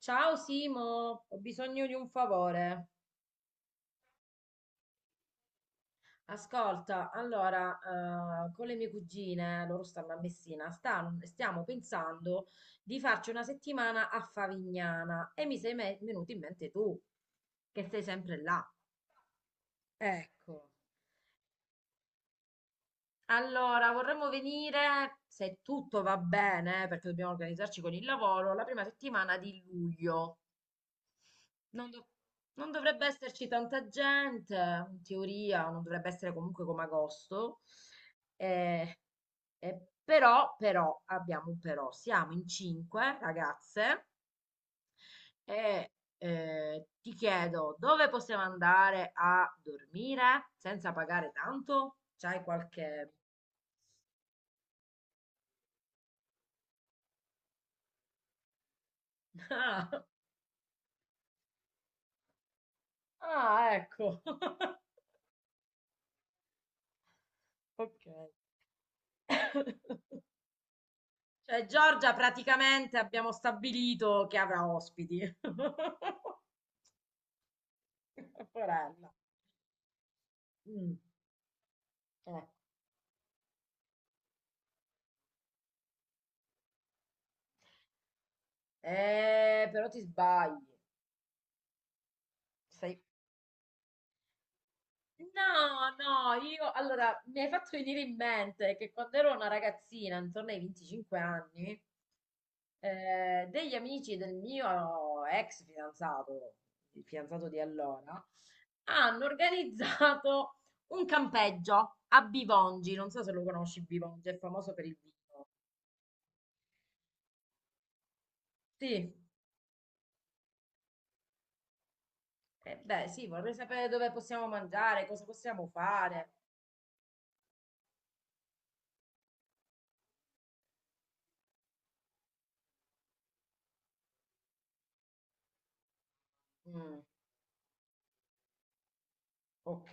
Ciao Simo, ho bisogno di un favore. Ascolta, allora, con le mie cugine, loro stanno a Messina, stiamo pensando di farci una settimana a Favignana e venuto in mente tu, che sei sempre là. Ecco, allora, vorremmo venire, se tutto va bene, perché dobbiamo organizzarci con il lavoro, la prima settimana di luglio. Non, dov- Non dovrebbe esserci tanta gente, in teoria, non dovrebbe essere comunque come agosto. Eh, però, però, abbiamo un però. Siamo in cinque ragazze e ti chiedo dove possiamo andare a dormire senza pagare tanto? C'hai qualche... Ah, ah, ecco. Ok. Cioè, Giorgia praticamente abbiamo stabilito che avrà ospiti. Caporella. Mm, eh. Però ti sbagli. Sei... No, no, io allora mi hai fatto venire in mente che quando ero una ragazzina, intorno ai 25 anni, degli amici del mio ex fidanzato, il fidanzato di allora, hanno organizzato un campeggio a Bivongi. Non so se lo conosci, Bivongi, è famoso per il vino. Sì, eh beh, sì, vorrei sapere dove possiamo mangiare, cosa possiamo fare. Mm. Ok,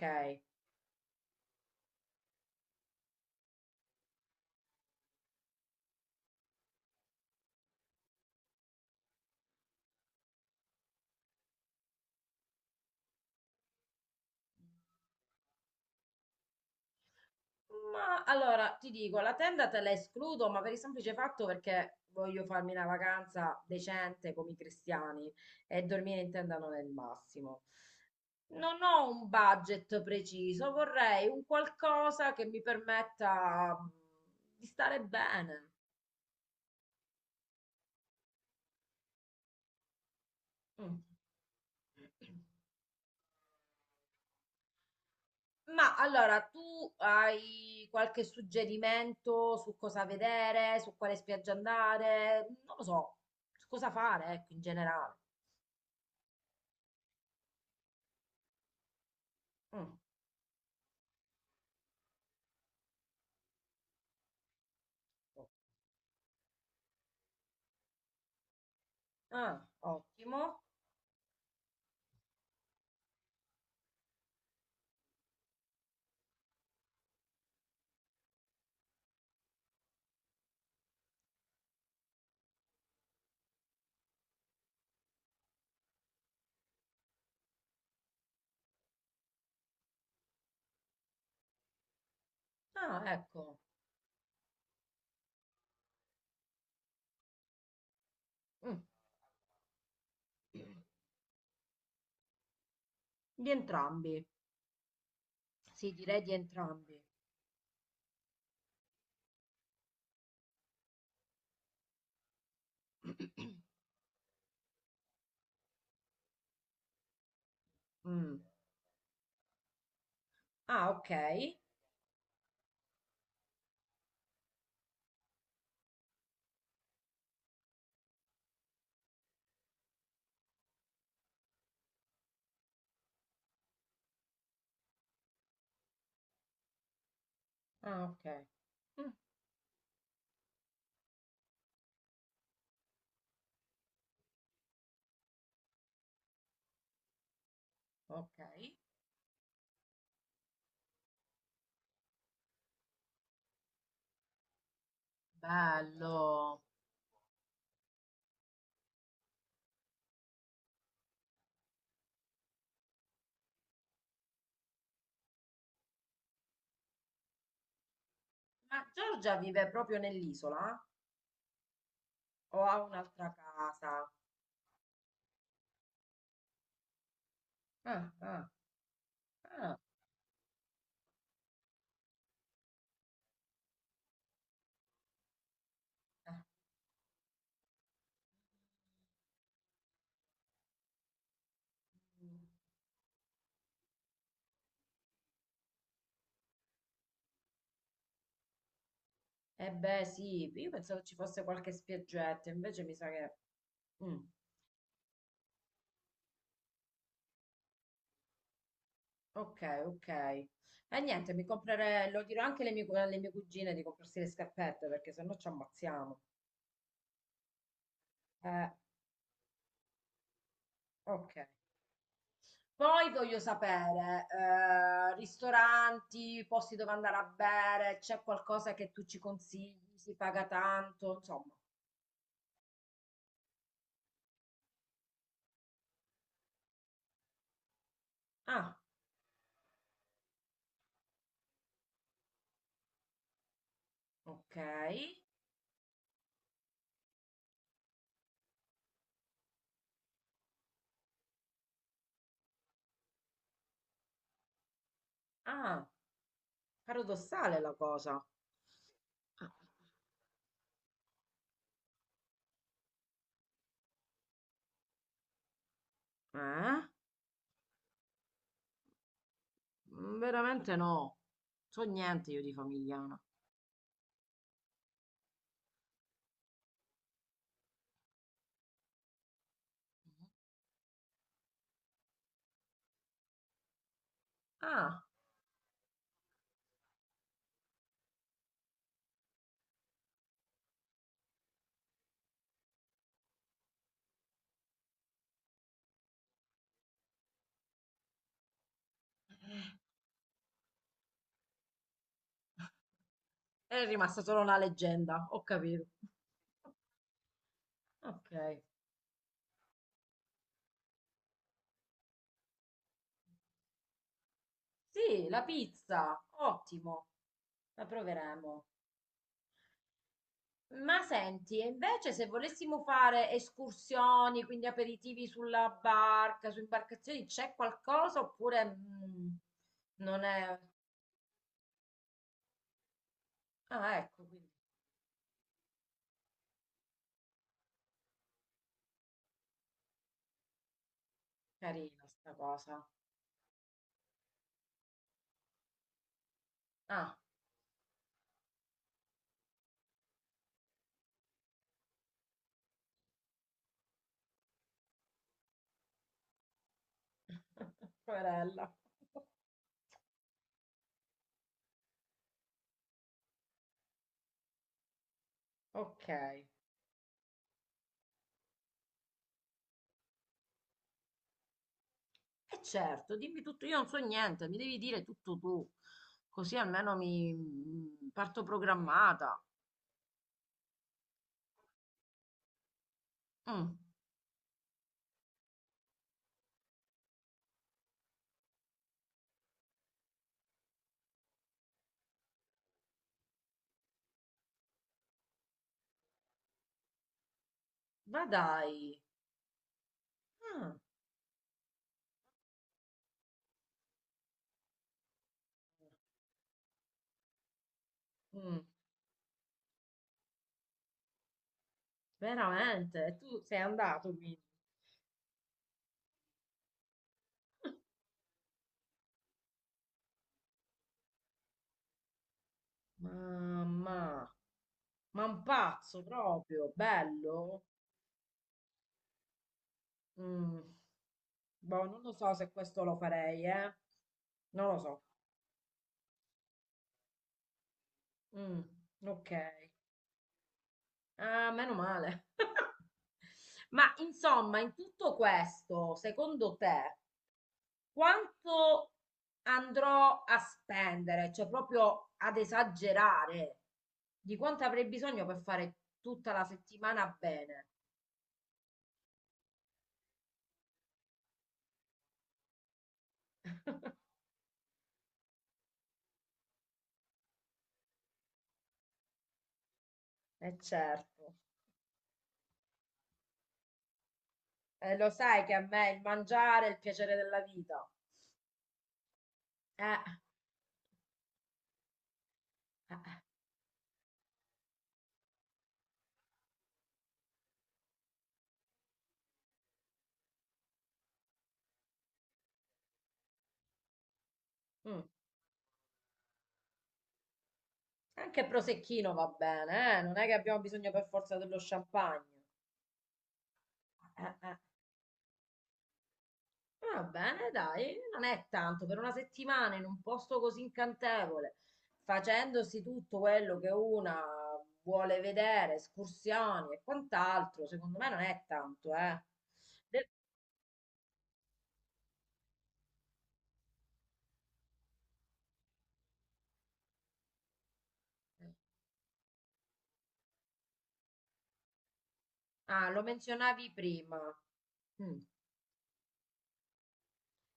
ma allora ti dico, la tenda te la escludo, ma per il semplice fatto perché voglio farmi una vacanza decente come i cristiani e dormire in tenda non è il massimo. Non ho un budget preciso, vorrei un qualcosa che mi permetta di stare bene. Mm. Ma allora, tu hai qualche suggerimento su cosa vedere, su quale spiaggia andare? Non lo so, su cosa fare, ecco, in generale. Mm. Ah, ottimo. Ah, ecco. Mm. Di entrambi. Sì, direi di entrambi. Mm. Ah, ok. Ah, ok. Mm, ok. Bello. Ma Giorgia vive proprio nell'isola? O ha un'altra casa? Ah, ah, ah. Ah. Eh beh, sì, io pensavo ci fosse qualche spiaggetta, invece mi sa che... Mm, ok, ok. E niente, mi comprerei, lo dirò anche alle alle mie cugine di comprarsi le scarpette, perché sennò ci ammazziamo. Eh, ok. Poi voglio sapere, ristoranti, posti dove andare a bere, c'è qualcosa che tu ci consigli, si paga tanto, insomma. Ah, ok. Ah, paradossale la cosa. Ah, eh? Mm, veramente no. So niente io di Famigliana. Ah, è rimasta solo la leggenda, ho capito. Ok. Sì, la pizza, ottimo, la proveremo. Ma senti, e invece se volessimo fare escursioni, quindi aperitivi sulla barca, su imbarcazioni, c'è qualcosa oppure non è... Ah, ecco, quindi carina sta cosa. Ah, poverella. Ok. E certo, dimmi tutto, io non so niente, mi devi dire tutto tu, così almeno mi parto programmata. Mm, ma dai, ah, mm, veramente, e tu sei andato quindi. Mamma, ma un pazzo proprio, bello. Mm, boh, non lo so se questo lo farei, eh. Non lo so. Mm, ok. Ah, meno male. Ma insomma, in tutto questo, secondo te, quanto andrò a spendere? Cioè, proprio ad esagerare di quanto avrei bisogno per fare tutta la settimana bene. E certo, eh, lo sai che a me il mangiare è il piacere della vita. Eh, eh, mm. Anche prosecchino va bene, eh? Non è che abbiamo bisogno per forza dello champagne. Eh. Va bene, dai, non è tanto per una settimana in un posto così incantevole, facendosi tutto quello che una vuole vedere, escursioni e quant'altro, secondo me non è tanto, eh. Del- ah, lo menzionavi prima. Mm.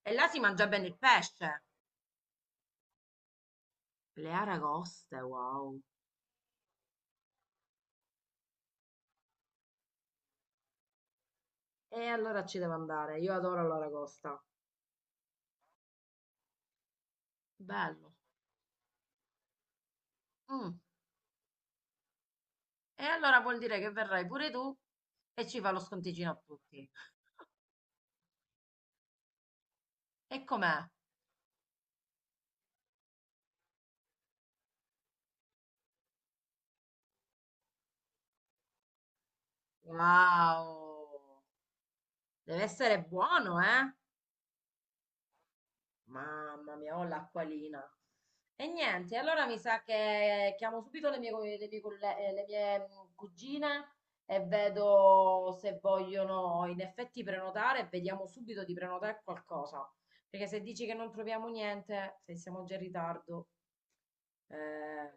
E là si mangia bene il pesce. Le aragoste, wow. E allora ci devo andare, io adoro l'aragosta. Bello. Mm. E allora vuol dire che verrai pure tu e ci fa lo sconticino a tutti. E com'è? Wow, deve essere buono, eh? Mamma mia, ho l'acquolina. E niente, allora mi sa che chiamo subito le le mie le mie, cugine e vedo se vogliono in effetti prenotare e vediamo subito di prenotare qualcosa. Perché se dici che non troviamo niente, se siamo già in ritardo, eh,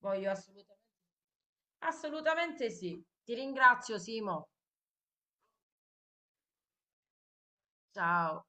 voglio assolutamente... Assolutamente sì. Ti ringrazio, Simo. Ciao.